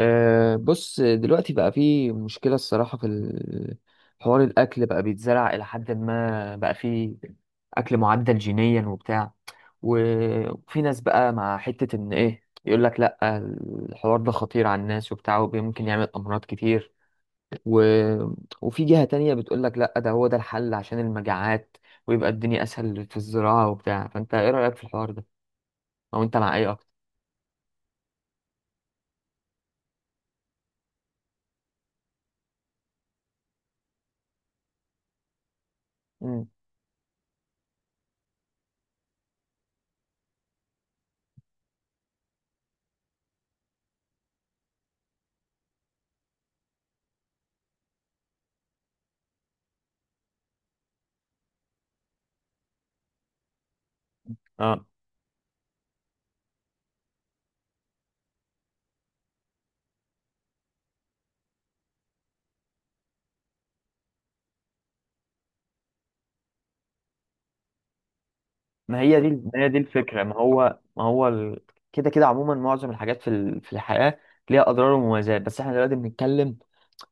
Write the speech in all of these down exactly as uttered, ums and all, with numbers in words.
أه بص دلوقتي بقى في مشكلة الصراحة في ال- حوار الأكل بقى بيتزرع إلى حد ما، بقى في أكل معدل جينيا وبتاع، و- وفي ناس بقى مع حتة إن إيه يقول لك لأ الحوار ده خطير على الناس وبتاع وممكن يعمل أمراض كتير، و... وفي جهة تانية بتقول لك لأ ده هو ده الحل عشان المجاعات ويبقى الدنيا أسهل في الزراعة وبتاع. فأنت إيه رأيك في الحوار ده؟ أو أنت مع إيه أكتر؟ مم. اه، ما هي دي ما هي دي الفكرة، ما هو ما هو ال... كده كده عموما معظم الحاجات في ال... في الحياة ليها أضرار ومميزات، بس احنا دلوقتي بنتكلم.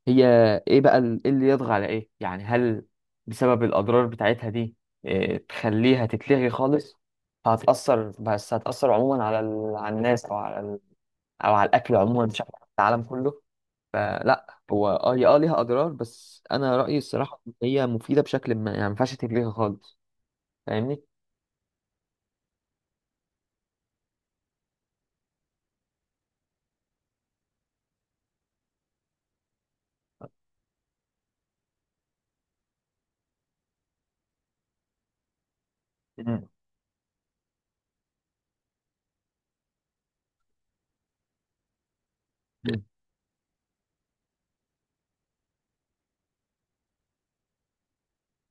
هي إيه بقى ال... إيه اللي يطغى على إيه؟ يعني هل بسبب الأضرار بتاعتها دي إيه تخليها تتلغي خالص؟ فهتأثر، بس هتأثر عموما على ال... على الناس أو على ال... أو على الأكل عموما بشكل عام في العالم كله. فلا، هو اه هي اه ليها أضرار، بس أنا رأيي الصراحة إن هي مفيدة بشكل ما، يعني ما ينفعش تتلغي خالص. فاهمني؟ مم.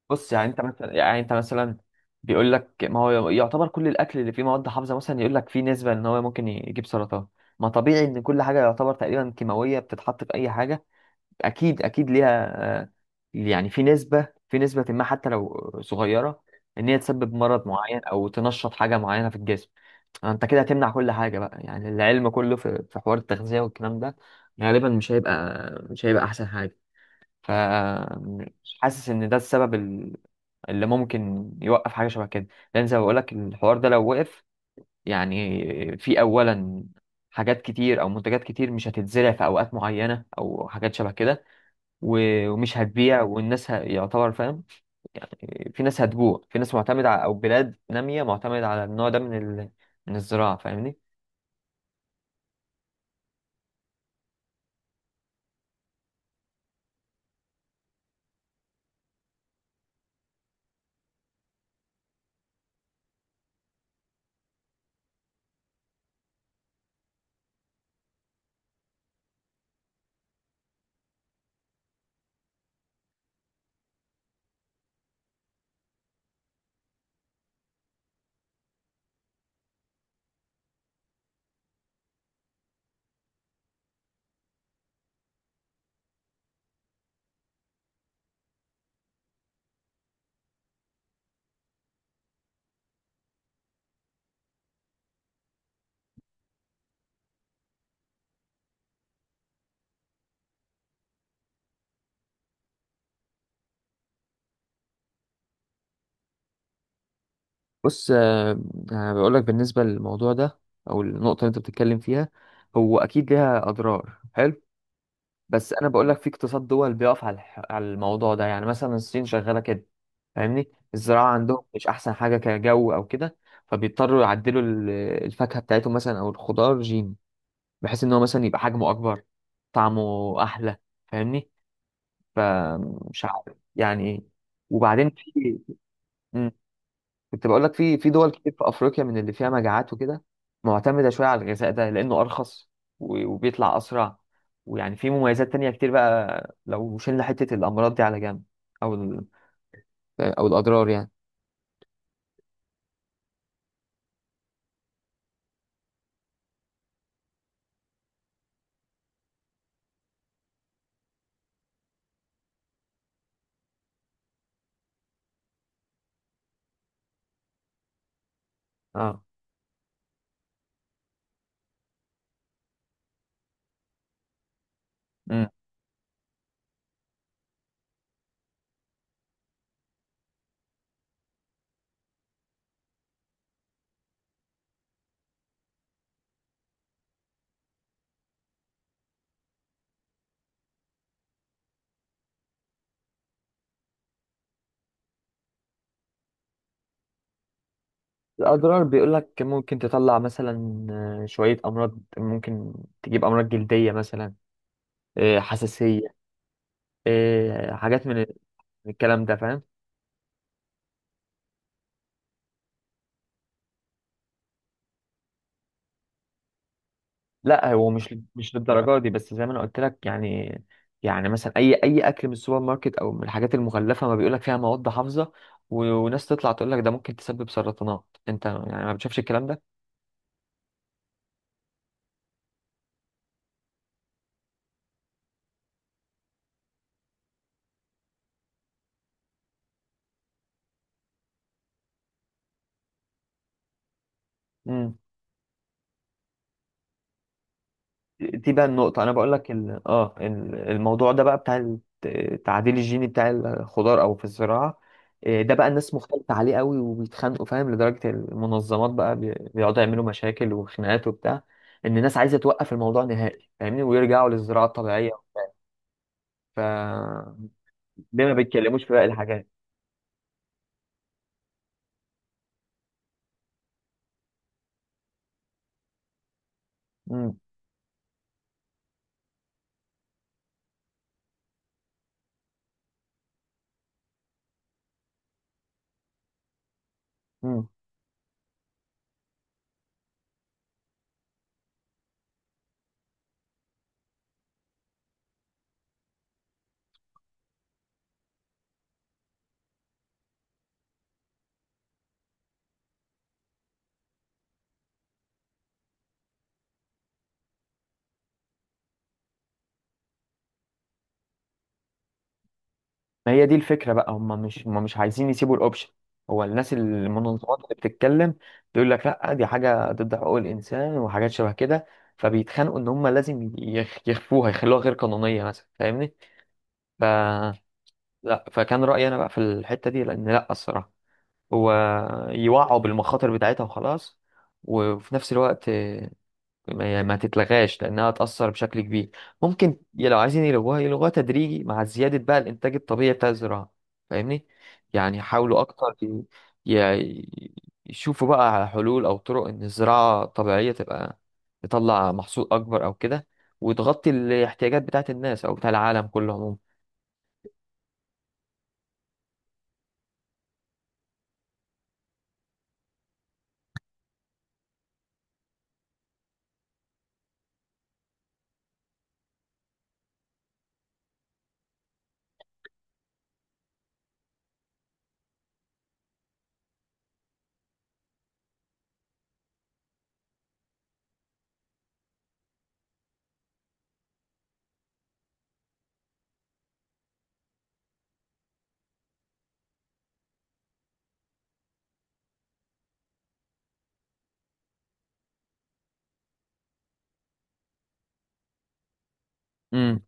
بص، يعني انت مثلا، يعني انت مثلا بيقول لك ما هو يعتبر كل الاكل اللي فيه مواد حافظه مثلا، يقول لك فيه نسبه ان هو ممكن يجيب سرطان. ما طبيعي ان كل حاجه يعتبر تقريبا كيماويه بتتحط في اي حاجه اكيد اكيد ليها، آه، يعني في نسبه، في نسبه ما حتى لو صغيره ان هي تسبب مرض معين او تنشط حاجه معينه في الجسم. انت كده هتمنع كل حاجه بقى؟ يعني العلم كله في في حوار التغذيه والكلام ده غالبا مش هيبقى مش هيبقى احسن حاجه. ف آه، مش حاسس ان ده السبب اللي ممكن يوقف حاجه شبه كده، لان زي ما بقول لك الحوار ده لو وقف، يعني في اولا حاجات كتير او منتجات كتير مش هتتزرع في اوقات معينه او حاجات شبه كده، و- ومش هتبيع، والناس ه- يعتبر فاهم، في ناس هتجوع، في ناس معتمده على، او بلاد ناميه معتمده على النوع ده من ال... من الزراعه. فاهمني؟ بص، آه، انا بقول لك بالنسبه للموضوع ده او النقطه اللي انت بتتكلم فيها، هو اكيد ليها اضرار، حلو. بس انا بقول لك في اقتصاد دول بيقف على الح- على الموضوع ده، يعني مثلا الصين شغاله كده. فاهمني؟ الزراعه عندهم مش احسن حاجه كجو او كده، فبيضطروا يعدلوا ال- الفاكهه بتاعتهم مثلا او الخضار جين، بحيث ان هو مثلا يبقى حجمه اكبر، طعمه احلى. فاهمني؟ فمش عارف يعني إيه. وبعدين في كنت بقول لك في في دول كتير في افريقيا من اللي فيها مجاعات وكده، معتمده شويه على الغذاء ده لانه ارخص، و- وبيطلع اسرع، ويعني في مميزات تانية كتير بقى لو شلنا حته الامراض دي على جنب، او ال... او الاضرار يعني. اه، امم. الاضرار بيقول لك ممكن تطلع مثلا آه، شويه امراض، ممكن تجيب امراض جلديه مثلا، آه، حساسيه، آه، حاجات من الكلام ده، فاهم. لا هو مش مش للدرجه دي، بس زي ما انا قلت لك، يعني يعني مثلا، اي اي اكل من السوبر ماركت او من الحاجات المغلفه، ما بيقول لك فيها مواد حافظه، و- وناس تطلع تقول لك ده ممكن تسبب سرطانات؟ انت يعني ما بتشوفش الكلام ده؟ امم. دي بقى النقطه، انا بقول لك ال... اه ال- الموضوع ده بقى بتاع الت- التعديل الجيني بتاع الخضار او في الزراعه. إيه ده بقى، الناس مختلفه عليه قوي وبيتخانقوا فاهم، لدرجه المنظمات بقى بي- بيقعدوا يعملوا مشاكل وخناقات وبتاع، ان الناس عايزه توقف الموضوع نهائي فاهمني، ويرجعوا للزراعه الطبيعيه. ف ليه ما بيتكلموش في باقي الحاجات؟ امم، امم. ما هي دي الفكره بقى، هم مش هم مش عايزين يسيبوا الاوبشن. هو الناس اللي- المنظمات اللي بتتكلم تقول لك لا دي حاجه ضد حقوق الانسان وحاجات شبه كده، فبيتخانقوا ان هم لازم يخ- يخفوها، يخلوها غير قانونيه مثلا. فاهمني؟ ف لا، فكان رايي انا بقى في الحته دي، لان لا الصراحه، هو يوعوا بالمخاطر بتاعتها وخلاص، وفي نفس الوقت ما ما تتلغاش، لانها هتأثر بشكل كبير. ممكن ي- لو عايزين يلغوها، يلغوها تدريجي مع زيادة بقى الانتاج الطبيعي بتاع الزراعة. فاهمني؟ يعني يحاولوا اكتر، ي- ي- يشوفوا بقى على حلول او طرق ان الزراعة الطبيعية تبقى تطلع محصول اكبر او كده، وتغطي الاحتياجات بتاعت الناس او بتاع العالم كله عموما. امم،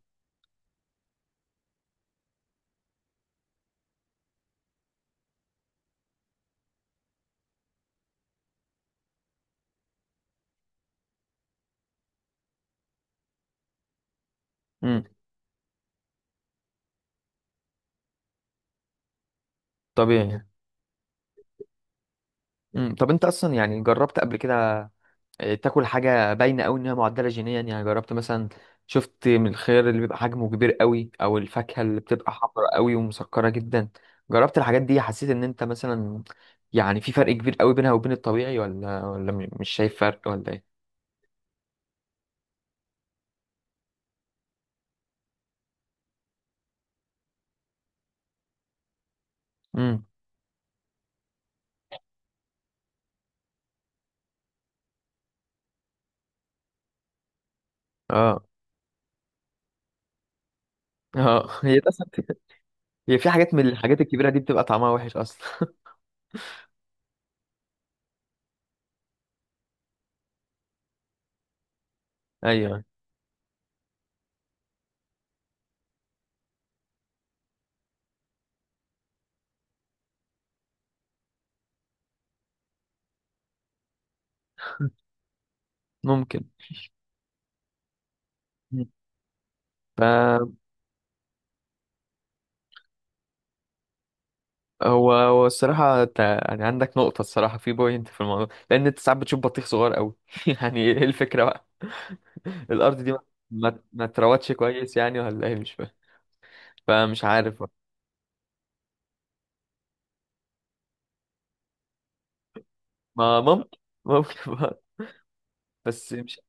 امم، طبيعي، امم. طب انت اصلا يعني جربت قبل كده آه، تاكل حاجه باينه قوي انها معدله جينيا؟ يعني جربت مثلا، شفت من الخيار اللي بيبقى حجمه كبير قوي او الفاكهه اللي بتبقى حمراء قوي ومسكره جدا، جربت الحاجات دي، حسيت ان انت مثلا يعني في فرق كبير قوي بينها وبين الطبيعي؟ ولا ولا م- مش شايف فرق ولا ايه؟ امم، اه، اه. هي ده صح. هي في حاجات من الحاجات الكبيره دي بتبقى طعمها وحش اصلا. ايوه، ممكن. مم. ف، هو هو الصراحة انت يعني عندك نقطة، الصراحة في بوينت في الموضوع، لأن أنت ساعات بتشوف بطيخ صغير أوي. يعني إيه الفكرة بقى؟ الأرض دي ما ما ما اتروتش كويس يعني، ولا إيه؟ مش فاهم. فمش عارف بقى. ما ممكن، ممكن بقى. بس مش